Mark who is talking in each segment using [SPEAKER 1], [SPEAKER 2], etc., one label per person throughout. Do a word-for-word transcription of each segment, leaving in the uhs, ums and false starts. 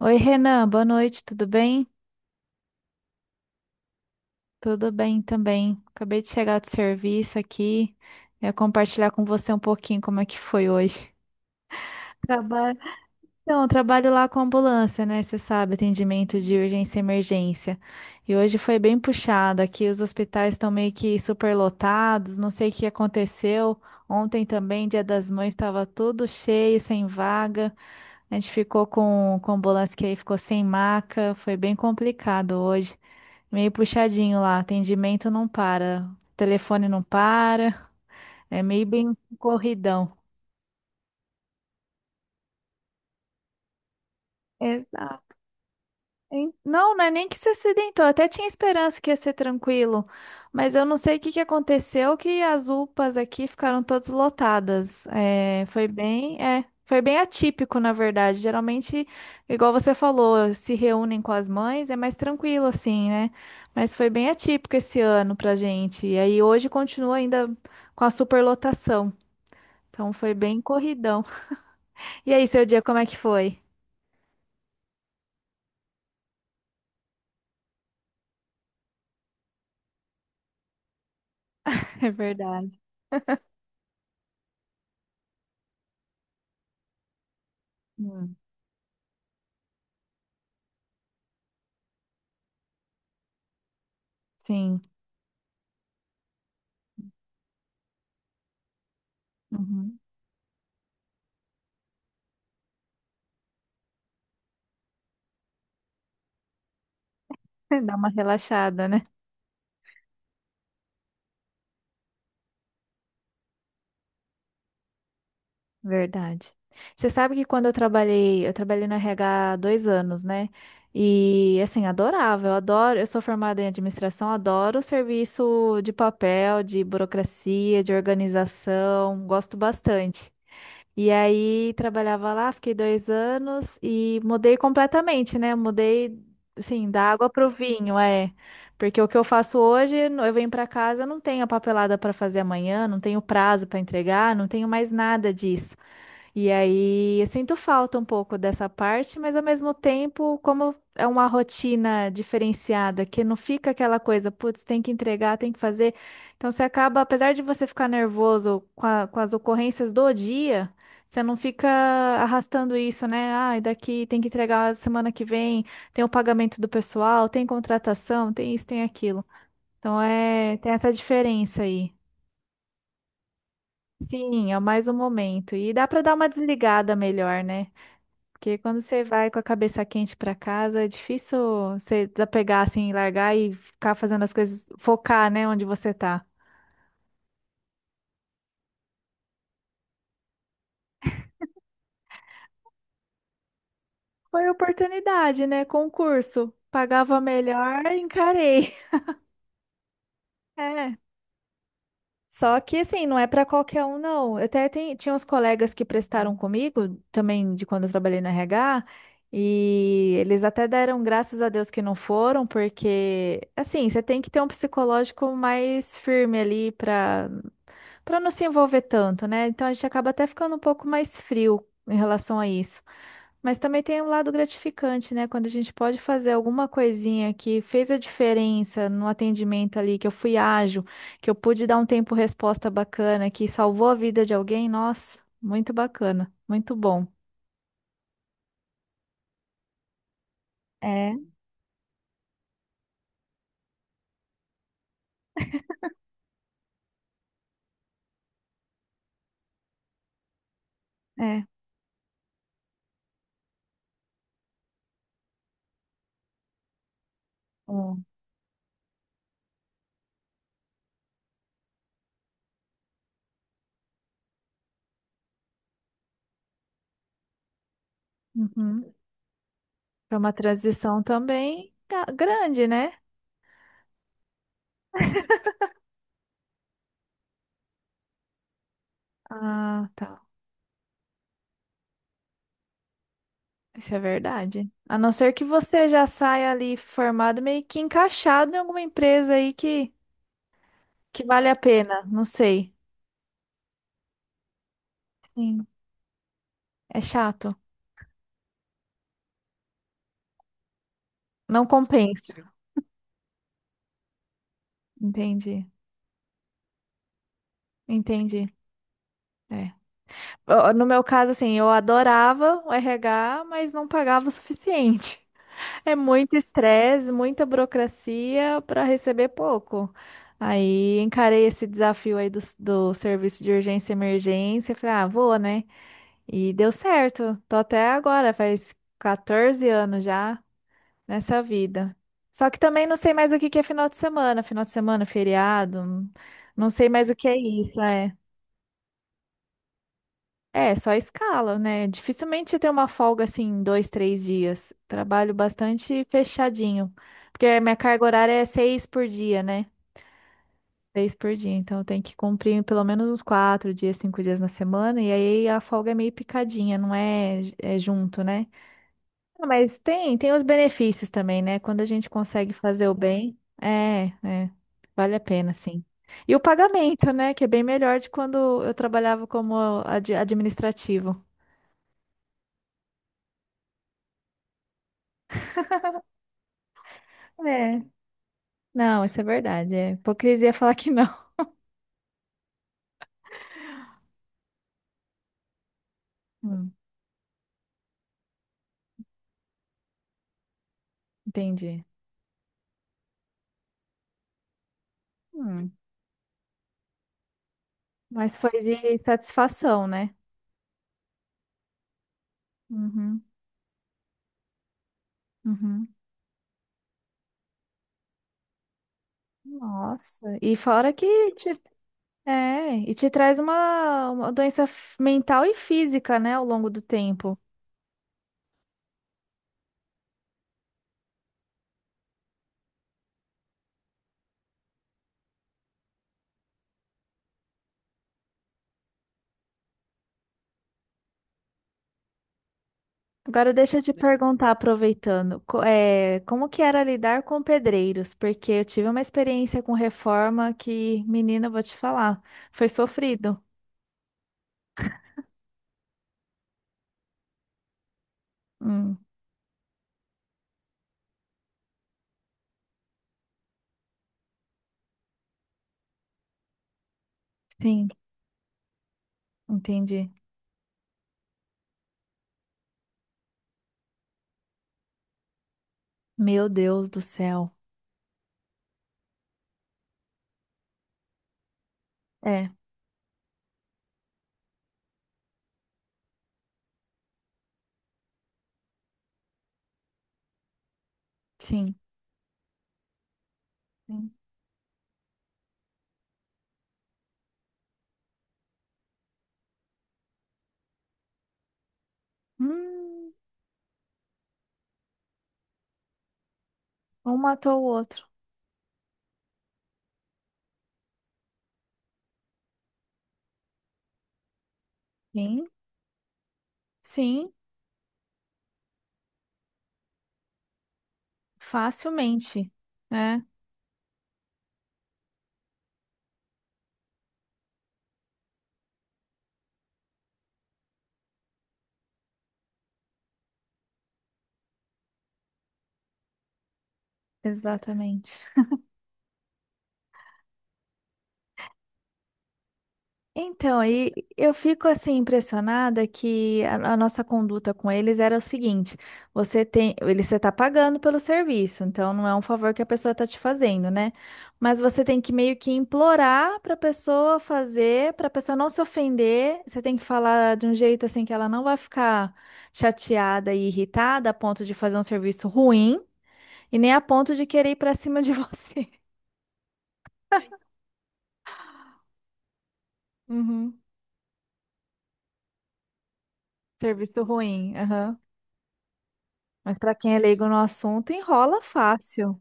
[SPEAKER 1] Oi, Renan, boa noite, tudo bem? Tudo bem também. Acabei de chegar do serviço aqui. Eu ia compartilhar com você um pouquinho como é que foi hoje. Trabalho. Então, eu trabalho lá com ambulância, né? Você sabe, atendimento de urgência e emergência. E hoje foi bem puxado. Aqui os hospitais estão meio que superlotados, não sei o que aconteceu. Ontem também, Dia das Mães, estava tudo cheio, sem vaga. A gente ficou com, com ambulância que aí ficou sem maca. Foi bem complicado hoje. Meio puxadinho lá, atendimento não para, telefone não para, é meio bem corridão. Exato. Hein? Não, não é nem que se acidentou. Até tinha esperança que ia ser tranquilo. Mas eu não sei o que que aconteceu, que as U P As aqui ficaram todas lotadas. É, foi bem, é, foi bem atípico, na verdade. Geralmente, igual você falou, se reúnem com as mães, é mais tranquilo assim, né? Mas foi bem atípico esse ano pra gente. E aí hoje continua ainda com a superlotação. Então foi bem corridão. E aí, seu dia, como é que foi? É verdade. Hum, sim. Uhum. Dá uma relaxada, né? Verdade. Você sabe que quando eu trabalhei, eu trabalhei no R H há dois anos, né? E assim, adorava, eu adoro, eu sou formada em administração, adoro o serviço de papel, de burocracia, de organização, gosto bastante. E aí trabalhava lá, fiquei dois anos e mudei completamente, né? Mudei, assim, da água pro vinho, é. Porque o que eu faço hoje, no- eu venho para casa, eu não tenho a papelada para fazer amanhã, não tenho prazo para entregar, não tenho mais nada disso. E aí eu sinto falta um pouco dessa parte, mas ao mesmo tempo, como é uma rotina diferenciada, que não fica aquela coisa, putz, tem que entregar, tem que fazer. Então você acaba, apesar de você ficar nervoso com a- com as ocorrências do dia, você não fica arrastando isso, né? Ah, e daqui tem que entregar semana que vem, tem o pagamento do pessoal, tem contratação, tem isso, tem aquilo. Então é, tem essa diferença aí. Sim, é mais um momento. E dá para dar uma desligada melhor, né? Porque quando você vai com a cabeça quente pra casa, é difícil você desapegar assim, largar e ficar fazendo as coisas, focar, né, onde você tá. Foi oportunidade, né? Concurso. Pagava melhor, encarei. É. Só que assim, não é pra qualquer um, não. Eu Até tem, tinha uns colegas que prestaram comigo, também de quando eu trabalhei no R H, e eles até deram graças a Deus que não foram, porque assim, você tem que ter um psicológico mais firme ali pra para não se envolver tanto, né? Então a gente acaba até ficando um pouco mais frio em relação a isso. Mas também tem um lado gratificante, né? Quando a gente pode fazer alguma coisinha que fez a diferença no atendimento ali, que eu fui ágil, que eu pude dar um tempo resposta bacana, que salvou a vida de alguém, nossa, muito bacana, muito bom. É, é. Bom. Uhum. Foi uma transição também ga- grande, né? Ah, tá. Isso é verdade. A não ser que você já saia ali formado, meio que encaixado em alguma empresa aí que, que vale a pena. Não sei. Sim, é chato. Não compensa. Entendi. Entendi. É. Ó, no meu caso, assim, eu adorava o R H, mas não pagava o suficiente. É muito estresse, muita burocracia para receber pouco. Aí encarei esse desafio aí do, do serviço de urgência e emergência. Falei, ah, vou, né? E deu certo. Tô até agora, faz catorze anos já nessa vida. Só que também não sei mais o que que é final de semana, final de semana, feriado, não não sei mais o que é isso, é. É, só escala, né? Dificilmente eu tenho uma folga assim, dois, três dias. Trabalho bastante fechadinho, porque a minha carga horária é seis por dia, né? Seis por dia, então eu tenho que cumprir pelo menos uns quatro dias, cinco dias na semana, e aí a folga é meio picadinha, não é, é junto, né? Ah, mas tem, tem os benefícios também, né? Quando a gente consegue fazer o bem, é, é, vale a pena, sim. E o pagamento, né? Que é bem melhor de quando eu trabalhava como ad- administrativo. É, não, isso é verdade. É hipocrisia falar que não. Hum, entendi. Hum, mas foi de satisfação, né? Uhum, uhum. Nossa, e fora que te, é, e te traz uma, uma doença f- mental e física, né, ao longo do tempo. Agora deixa eu te perguntar, aproveitando, co- eh, como que era lidar com pedreiros? Porque eu tive uma experiência com reforma que, menina, eu vou te falar, foi sofrido. Hum, sim, entendi. Meu Deus do céu. É, sim. Sim. Hum, um matou o outro. Sim, sim, facilmente. É, exatamente. Então, aí eu fico assim impressionada que a, a nossa conduta com eles era o seguinte: você tem, ele você está pagando pelo serviço, então não é um favor que a pessoa está te fazendo, né? Mas você tem que meio que implorar para a pessoa fazer, para a pessoa não se ofender. Você tem que falar de um jeito assim que ela não vai ficar chateada e irritada a ponto de fazer um serviço ruim e nem a ponto de querer ir para cima de você. Uhum. Serviço ruim. Aham. Mas para quem é leigo no assunto, enrola fácil.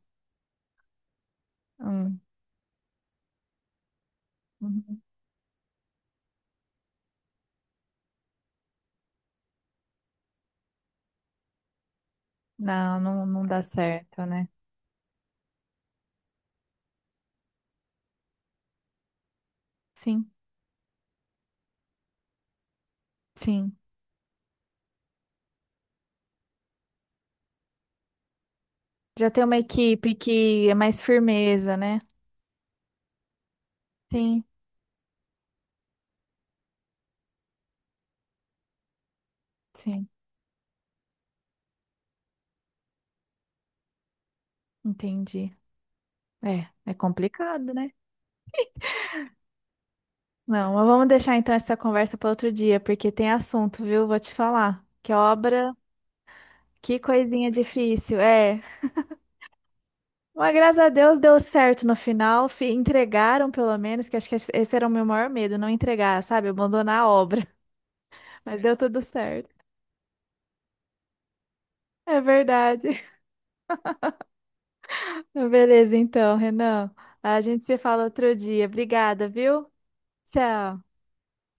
[SPEAKER 1] Hum, uhum. Não, não, não dá certo, né? Sim, sim. Já tem uma equipe que é mais firmeza, né? Sim, sim, entendi. É, é complicado, né? Não, mas vamos deixar então essa conversa para outro dia, porque tem assunto, viu? Vou te falar. Que obra, que coisinha difícil. É. Mas graças a Deus deu certo no final. fi- Entregaram, pelo menos, que acho que esse era o meu maior medo, não entregar, sabe? Abandonar a obra. Mas deu tudo certo. É verdade. Beleza, então, Renan. A gente se fala outro dia. Obrigada, viu? Tchau.